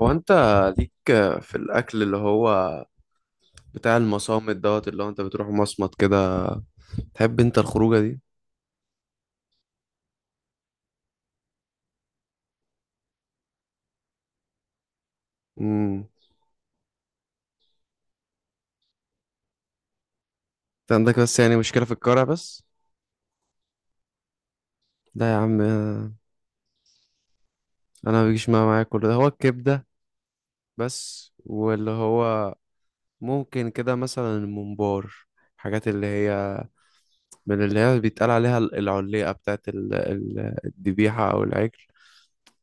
هو انت ليك في الاكل اللي هو بتاع المصامت دوت اللي هو انت بتروح مصمت كده. تحب انت الخروجه دي؟ امم انت عندك بس يعني مشكله في الكرع بس. لا يا عم، انا ما بيجيش معايا كل ده. هو الكبده بس، واللي هو ممكن كده مثلا الممبار، حاجات اللي هي من اللي هي بيتقال عليها العليقه بتاعت الذبيحه او العجل.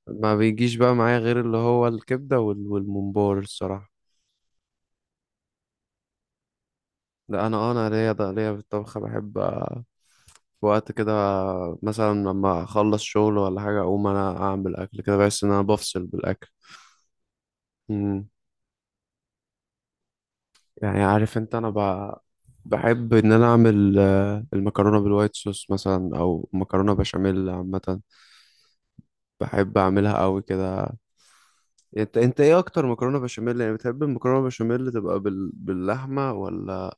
ما بيجيش بقى معايا غير اللي هو الكبده والممبار الصراحه. لا، انا ليا ده ليا في الطبخ بحب في وقت كده مثلا لما اخلص شغل ولا حاجه، اقوم انا اعمل اكل كده، بحس ان انا بفصل بالاكل. مم. يعني عارف انت، انا بحب ان انا اعمل المكرونه بالوايت صوص مثلا، او مكرونه بشاميل عامه. بحب اعملها قوي كده. انت ايه اكتر مكرونه بشاميل؟ يعني بتحب المكرونه بشاميل تبقى باللحمه، ولا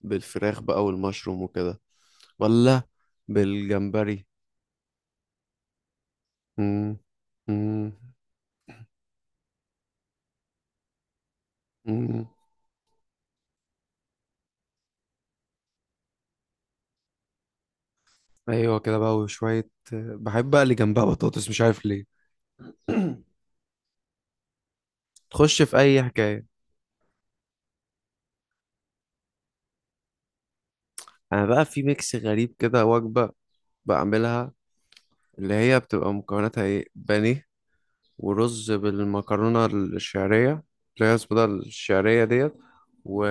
بالفراخ بقى والمشروم وكده، ولا بالجمبري؟ مم. مم. مم. ايوه كده بقى، وشويه بحب بقى اللي جنبها بطاطس، مش عارف ليه. تخش في اي حكايه. انا بقى في ميكس غريب كده، وجبه بعملها، اللي هي بتبقى مكوناتها ايه: بانيه، ورز بالمكرونه الشعريه، اللي هي اسمها ده الشعريه ديت، و...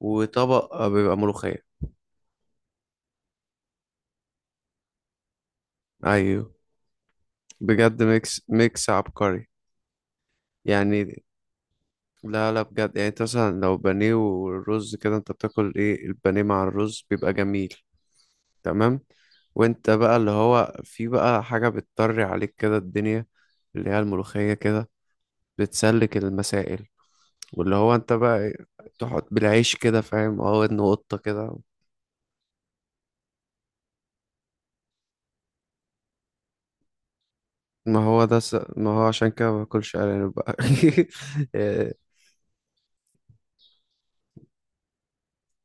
وطبق بيبقى ملوخيه. ايوه، بجد ميكس ميكس عبقري. يعني لا لا، بجد يعني، انت مثلا لو بانيه والرز كده، انت بتاكل ايه؟ البانيه مع الرز بيبقى جميل تمام. وانت بقى اللي هو، في بقى حاجة بتطري عليك كده الدنيا، اللي هي الملوخية كده، بتسلك المسائل. واللي هو انت بقى ايه، تحط بالعيش كده فاهم، اه، ودن قطة كده. ما هو عشان كده ما باكلش ارانب بقى. إيه،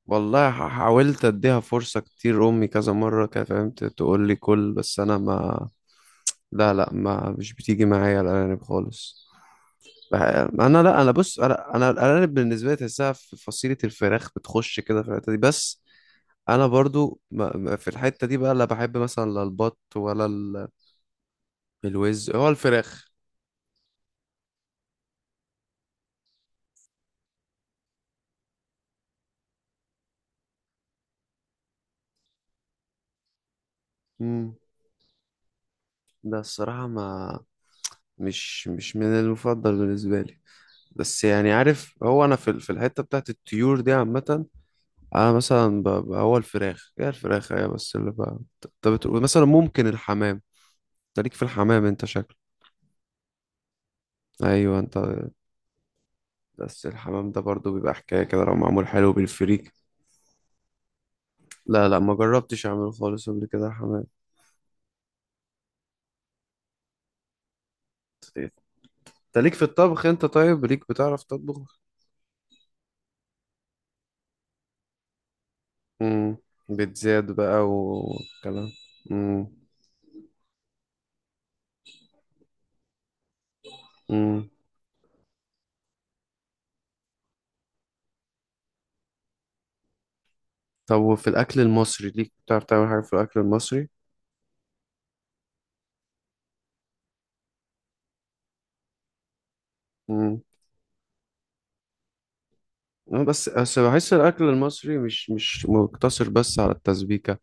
والله حاولت اديها فرصة كتير، امي كذا مرة كده فهمت تقول لي كل، بس انا ما. لا لا، ما مش بتيجي معايا الارانب خالص. بح- انا، لا، انا بص، انا الارانب بالنسبه لي تحسها في فصيله الفراخ، بتخش كده في الحته دي بس. انا برضو في الحته دي بقى، لا بحب مثلا، لا البط ولا الوز، هو الفراخ. امم ده الصراحه، ما مش من المفضل بالنسبه لي. بس يعني عارف، هو انا في الحته بتاعت الطيور دي عامه. انا مثلا هو الفراخ، هي الفراخ هي بس اللي بقى. انت بتقول مثلا ممكن الحمام؟ انت ليك في الحمام، انت شكلك. ايوه انت. بس الحمام ده برضو بيبقى حكايه كده لو معمول حلو بالفريك. لا لا، ما جربتش اعمله خالص قبل كده حمام. انت ليك في الطبخ انت؟ طيب ليك، بتعرف تطبخ؟ امم. بتزاد بقى والكلام. امم. امم. طب وفي الاكل المصري ليك، بتعرف تعمل حاجه في الاكل المصري؟ امم. بس بحس الاكل المصري مش مقتصر بس على التسبيكه.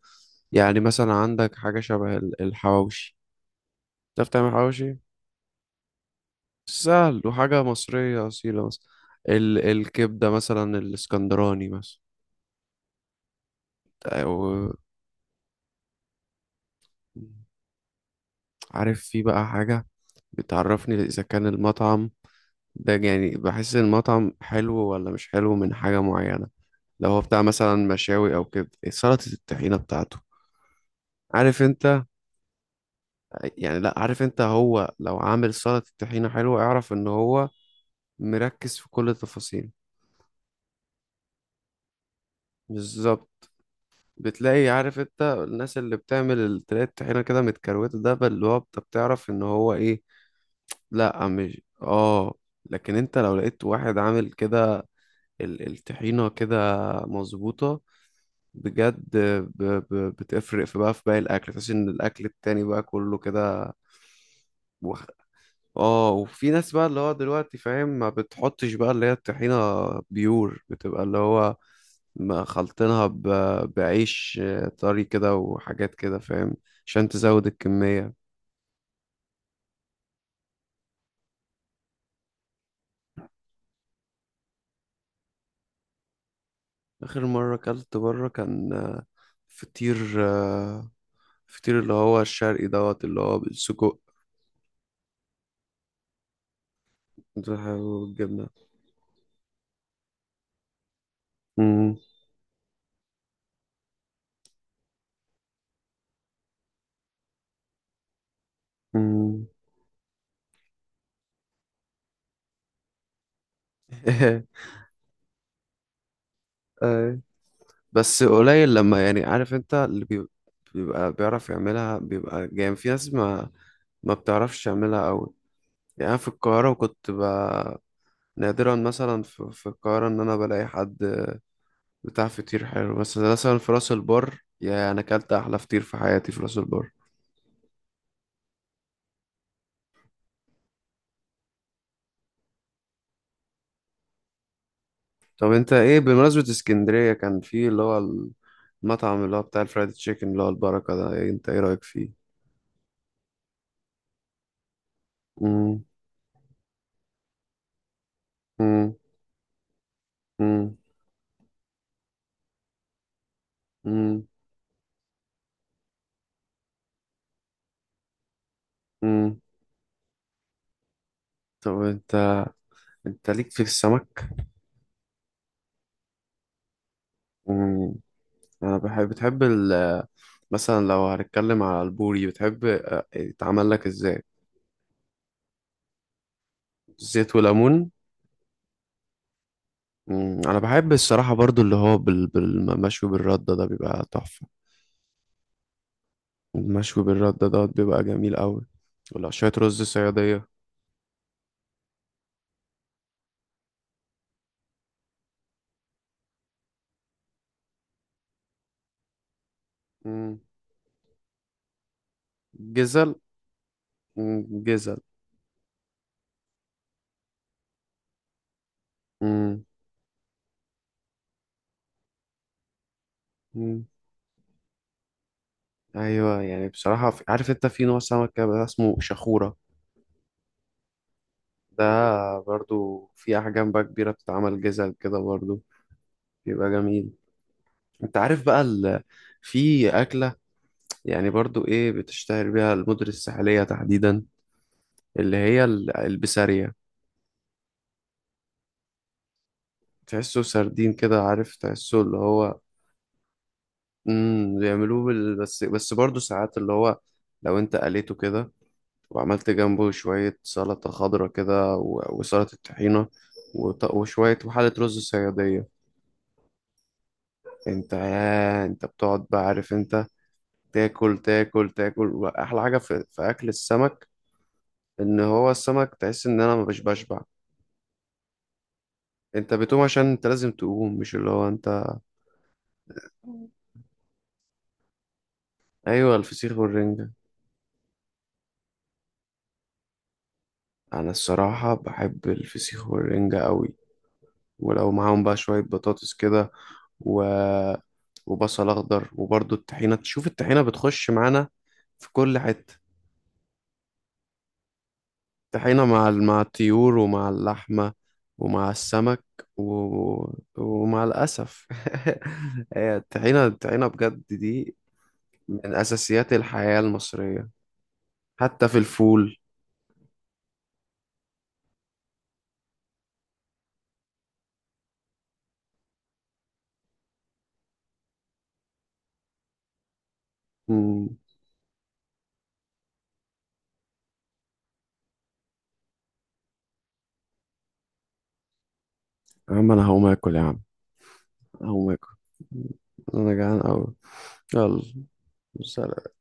يعني مثلا عندك حاجه شبه الحواوشي. بتعرف تعمل حواوشي؟ سهل وحاجة مصرية أصيلة مثلا. الكبدة مثلا الاسكندراني مثلا، أو. عارف، في بقى حاجة بتعرفني إذا كان المطعم ده، يعني بحس إن المطعم حلو ولا مش حلو من حاجة معينة. لو هو بتاع مثلا مشاوي أو كده، سلطة الطحينة بتاعته، عارف أنت. يعني لأ، عارف أنت، هو لو عامل سلطة الطحينة حلوة، اعرف إن هو مركز في كل التفاصيل. بالظبط. بتلاقي عارف انت، الناس اللي بتعمل تلاقي الطحينة كده متكروتة، ده بل اللي هو انت بتعرف ان هو ايه. لا، مش، اه. لكن انت لو لقيت واحد عامل كده الطحينة كده مظبوطة، بجد ب... بتفرق في بقى في باقي الاكل، تحس ان الاكل التاني بقى كله كده. اه، وفي ناس بقى اللي هو دلوقتي فاهم، ما بتحطش بقى اللي هي الطحينة بيور، بتبقى اللي هو ما خلطينها بعيش طري كده وحاجات كده فاهم، عشان تزود الكمية. آخر مرة أكلت بره كان فطير آه، فطير اللي هو الشرقي دوت اللي هو بالسجق والجبنة. مم، مم. آه. بس قليل لما، يعني عارف انت، اللي بيبقى بيعرف يعملها بيبقى جامد، في ناس ما بتعرفش تعملها قوي. يعني أنا في القاهرة كنت نادرا مثلا في القاهرة إن أنا بلاقي حد بتاع فطير حلو، بس مثلا في راس البر. يعني أنا أكلت أحلى فطير في حياتي في راس البر. طب أنت إيه، بمناسبة اسكندرية، كان في اللي هو المطعم اللي هو بتاع الفرايد تشيكن اللي هو البركة ده، إيه أنت إيه رأيك فيه؟ مم. مم. مم. مم. مم. طب انت ليك في السمك؟ مم. انا بحب بتحب مثلا لو هنتكلم على البوري، بتحب يتعمل لك ازاي؟ زيت وليمون. مم. انا بحب الصراحة برضو اللي هو بالمشوي بالردة ده بيبقى تحفة. المشوي بالردة ده بيبقى جميل قوي. ولا شوية رز صيادية. مم. جزل. مم. جزل. مم. مم. ايوه. يعني بصراحة عارف انت، في نوع سمك كده بقى اسمه شخورة، ده برضو في أحجام بقى كبيرة، بتتعمل جزل كده برضو، بيبقى جميل. انت عارف بقى في أكلة يعني، برضو ايه بتشتهر بيها المدن الساحلية تحديدا، اللي هي البسارية. تحسه سردين كده، عارف، تحسه اللي هو. امم، بيعملوه بس برضو ساعات، اللي هو لو انت قليته كده، وعملت جنبه شوية سلطة خضرة كده وسلطة طحينة وشوية، وحالة رز صيادية. انت يا انت بتقعد بقى عارف انت، تاكل تاكل تاكل. واحلى حاجة في اكل السمك، ان هو السمك تحس ان انا مبقاش بشبع. انت بتقوم عشان انت لازم تقوم، مش اللي هو انت. ايوه الفسيخ والرنجة. انا الصراحة بحب الفسيخ والرنجة قوي، ولو معاهم بقى شوية بطاطس كده و... وبصل اخضر، وبرضه الطحينة، تشوف الطحينة بتخش معانا في كل حتة. طحينة مع مع الطيور، ومع اللحمة، ومع السمك، و... ومع الأسف. هي الطحينة، الطحينة بجد دي من أساسيات الحياة المصرية. حتى في الفول. مم. يا عم انا هقوم اكل، يا عم هقوم اكل. انا جعان قوي. يلا، سلام.